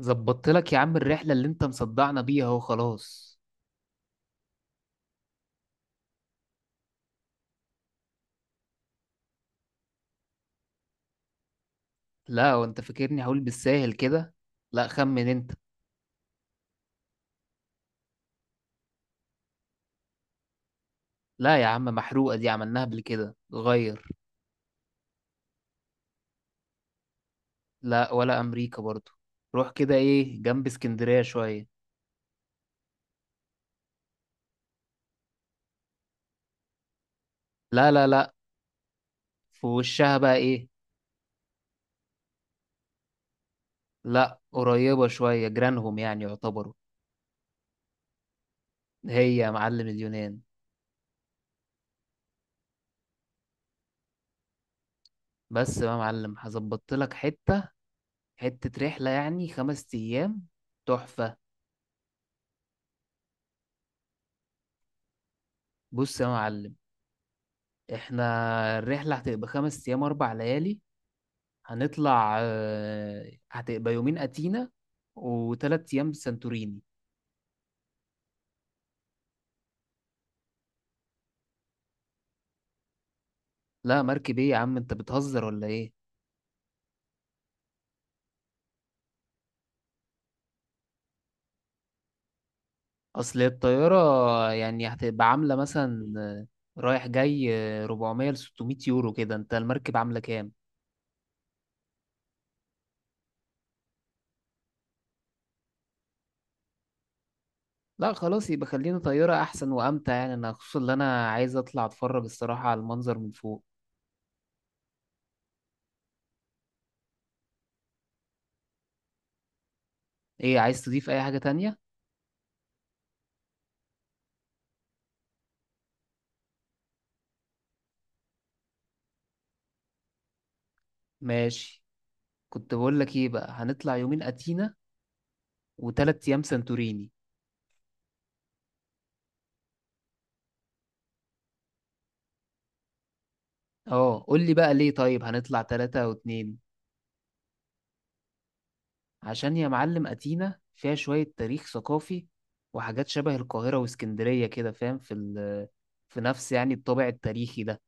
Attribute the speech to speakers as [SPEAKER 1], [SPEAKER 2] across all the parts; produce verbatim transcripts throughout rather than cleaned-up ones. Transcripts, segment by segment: [SPEAKER 1] ظبطت لك يا عم الرحلة اللي انت مصدعنا بيها اهو، خلاص. لا، وانت فاكرني هقول بالساهل كده؟ لا، خمن انت. لا يا عم، محروقة دي، عملناها قبل كده، غير. لا، ولا امريكا برضو. روح كده، ايه، جنب اسكندرية شوية. لا لا لا، في وشها بقى ايه؟ لا، قريبة شوية، جيرانهم يعني يعتبروا. هي يا معلم، اليونان. بس بقى يا معلم، هظبطت لك حتة، حتة رحلة يعني، خمس ايام، تحفة. بص يا معلم، احنا الرحلة هتبقى خمس أيام، أربع ليالي. هنطلع آه، هتبقى يومين أتينا وتلات أيام سانتوريني. لا، مركب إيه يا عم، أنت بتهزر ولا إيه؟ أصل الطيارة يعني هتبقى عاملة مثلا آه، رايح جاي، آه، أربعمائة ل ستمائة يورو كده. أنت المركب عاملة كام؟ لا خلاص، يبقى خلينا طيارة أحسن وأمتع، يعني أنا خصوصا إن أنا عايز أطلع أتفرج الصراحة على المنظر من فوق. إيه، عايز تضيف أي حاجة تانية؟ ماشي، كنت بقول لك ايه بقى، هنطلع يومين اتينا وتلات أيام سانتوريني. اه، قول لي بقى ليه طيب هنطلع تلاتة أو اتنين. عشان يا معلم أتينا فيها شوية تاريخ ثقافي وحاجات شبه القاهرة واسكندرية كده، فاهم، في ال في نفس يعني الطابع التاريخي ده.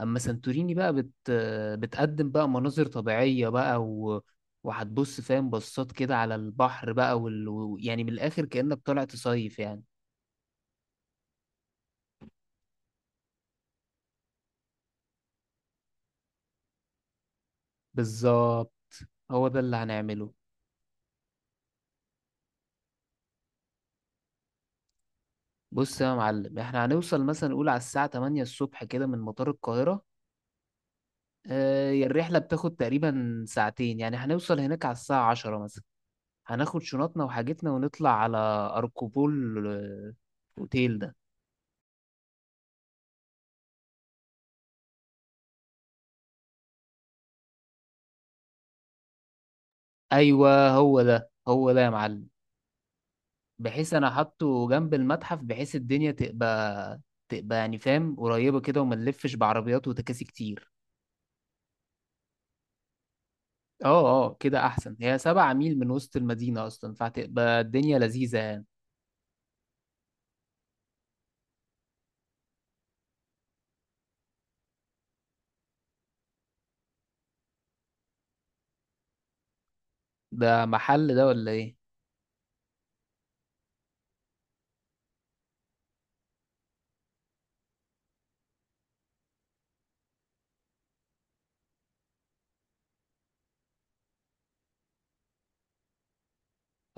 [SPEAKER 1] أما سانتوريني بقى بت بتقدم بقى مناظر طبيعية بقى، و... وهتبص، فاهم، بصات كده على البحر بقى، وال... و- يعني من الآخر كأنك طالع تصيف يعني. بالظبط، هو ده اللي هنعمله. بص يا معلم، احنا هنوصل مثلا نقول على الساعة تمانية الصبح كده من مطار القاهرة. اه، هي الرحلة بتاخد تقريبا ساعتين، يعني هنوصل هناك على الساعة عشرة مثلا. هناخد شنطنا وحاجتنا ونطلع على أركوبول آه، أوتيل ده. أيوة، هو ده، هو ده يا معلم. بحيث أنا حاطه جنب المتحف، بحيث الدنيا تبقى تبقى يعني، فاهم، قريبة كده وما نلفش بعربيات وتكاسي كتير. اه اه، كده أحسن، هي سبع ميل من وسط المدينة أصلا، فهتبقى الدنيا لذيذة يعني. ده محل ده، ولا ايه؟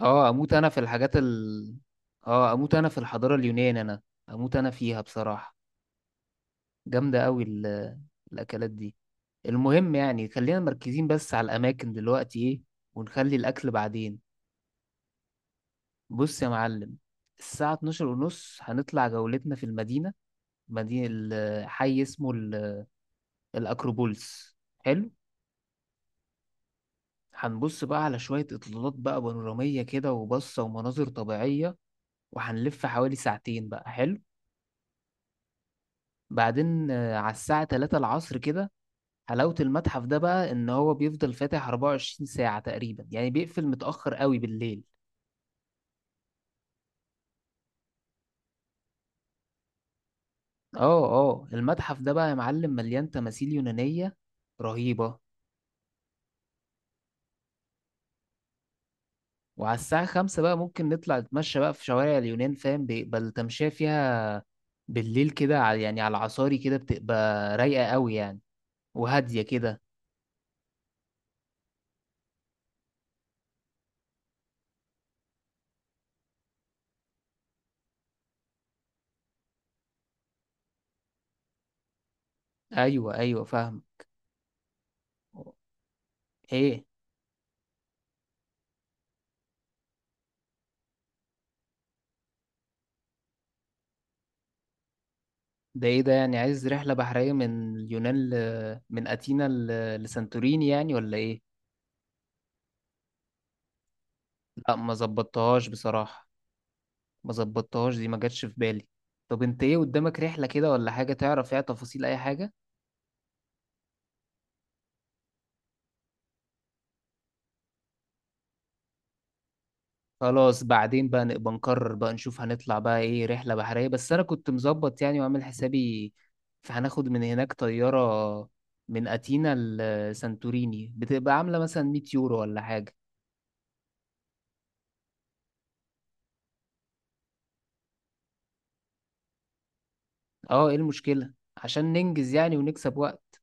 [SPEAKER 1] اه، اموت انا في الحاجات ال اه، اموت انا في الحضارة اليونانية، انا اموت انا فيها بصراحة. جامدة قوي ال... الاكلات دي، المهم يعني خلينا مركزين بس على الاماكن دلوقتي، ايه، ونخلي الاكل بعدين. بص يا معلم، الساعة الثانية عشرة ونص هنطلع جولتنا في المدينة، مدينة ال- حي اسمه ال- الأكروبولس، حلو. هنبص بقى على شوية إطلالات بقى بانورامية كده، وبصة ومناظر طبيعية، وهنلف حوالي ساعتين بقى، حلو. بعدين آه، على الساعة تلاتة العصر كده، حلاوة المتحف ده بقى إن هو بيفضل فاتح أربعة وعشرين ساعة تقريبا، يعني بيقفل متأخر قوي بالليل. اه اه، المتحف ده بقى يا معلم مليان تماثيل يونانية رهيبة. وعلى الساعة خمسة بقى ممكن نطلع نتمشى بقى في شوارع اليونان، فاهم، بيقبل تمشية فيها بالليل كده، على- يعني على العصاري كده، بتبقى رايقة قوي يعني، وهادية كده. أيوة أيوة، فاهم. إيه ده ايه ده يعني عايز رحلة بحرية من اليونان، ل... من أثينا ل... لسانتوريني يعني، ولا ايه؟ لا، ما ظبطتهاش بصراحة، ما ظبطتهاش، دي ما جاتش في بالي. طب انت ايه قدامك رحلة كده ولا حاجة تعرف فيها تفاصيل أي حاجة؟ خلاص، بعدين بقى نبقى نقرر بقى نشوف هنطلع بقى ايه رحلة بحرية، بس أنا كنت مظبط يعني وعامل حسابي، فهناخد من هناك طيارة من أثينا لسانتوريني، بتبقى عاملة مثلا ميت يورو ولا حاجة. اه، ايه المشكلة؟ عشان ننجز يعني ونكسب وقت.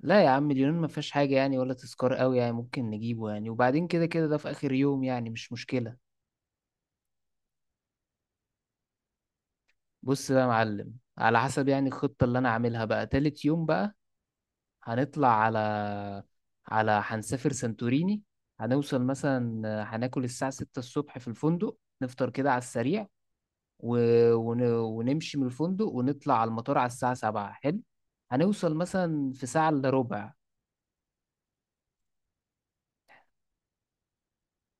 [SPEAKER 1] لا يا عم، اليونان ما فيهاش حاجة يعني ولا تذكار قوي يعني ممكن نجيبه، يعني وبعدين كده كده ده في آخر يوم، يعني مش مشكلة. بص بقى يا معلم، على حسب يعني الخطة اللي أنا عاملها بقى، تالت يوم بقى هنطلع على على هنسافر سانتوريني. هنوصل مثلا، هناكل الساعة ستة الصبح في الفندق، نفطر كده على السريع، و... ون... ونمشي من الفندق ونطلع على المطار على الساعة سبعة، حلو. هنوصل مثلا في ساعة إلا ربع.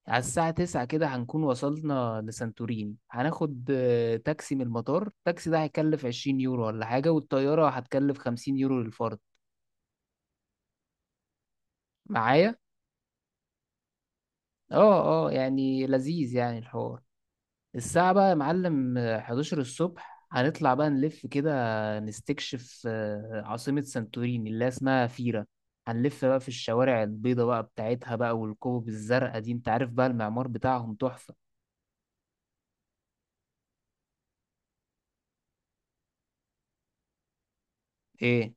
[SPEAKER 1] على الساعة تسعة كده هنكون وصلنا لسانتوريني، هناخد آه، تاكسي من المطار، التاكسي ده هيكلف عشرين يورو ولا حاجة، والطيارة هتكلف خمسين يورو للفرد. معايا؟ اه اه، يعني لذيذ يعني الحوار. الساعة بقى يا معلم آه، حداشر الصبح هنطلع بقى نلف كده، نستكشف آه، عاصمة سانتوريني اللي هي اسمها فيرا. هنلف بقى في الشوارع البيضة بقى بتاعتها بقى، والكوب الزرقاء دي، انت عارف بقى المعمار بتاعهم تحفة. ايه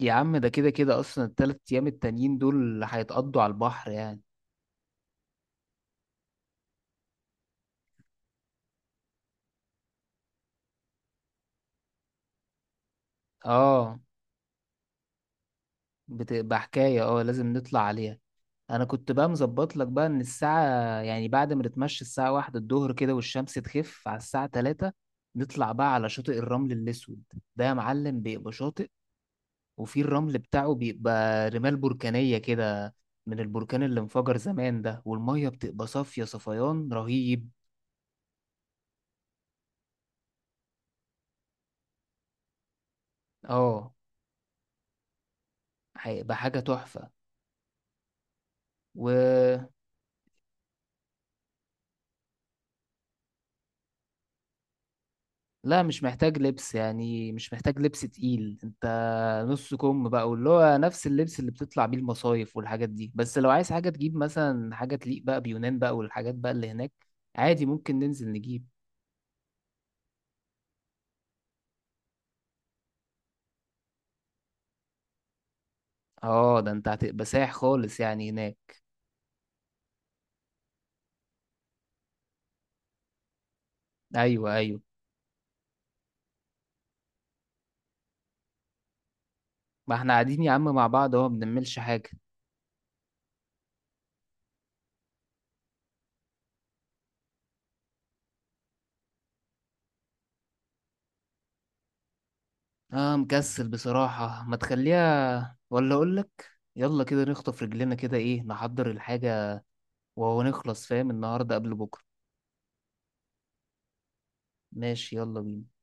[SPEAKER 1] يا عم، ده كده كده اصلا التلات ايام التانيين دول هيتقضوا على البحر يعني. اه، بتبقى حكاية، اه لازم نطلع عليها. انا كنت بقى مظبط لك بقى ان الساعة، يعني بعد ما نتمشى الساعة واحدة الظهر كده والشمس تخف على الساعة تلاتة، نطلع بقى على شاطئ الرمل الاسود. ده يا معلم بيبقى شاطئ، وفي الرمل بتاعه بيبقى رمال بركانية كده، من البركان اللي انفجر زمان ده، والمية بتبقى صافية صفيان رهيب. اه، هيبقى حاجة تحفة و لا، مش محتاج لبس يعني، مش محتاج لبس تقيل انت، نص كم بقى، واللي هو نفس اللبس اللي بتطلع بيه المصايف والحاجات دي، بس لو عايز حاجة تجيب مثلا حاجة تليق بقى بيونان بقى، والحاجات بقى اللي هناك، عادي ممكن ننزل نجيب. اه، ده انت هتبقى سايح خالص يعني هناك. ايوه ايوه، ما احنا قاعدين يا عم مع بعض اهو، ما بنعملش حاجة. اه مكسل بصراحة، ما تخليها ولا اقولك، يلا كده نخطف رجلنا كده، ايه، نحضر الحاجة وهو نخلص، فاهم، النهاردة قبل بكرة. ماشي، يلا بينا.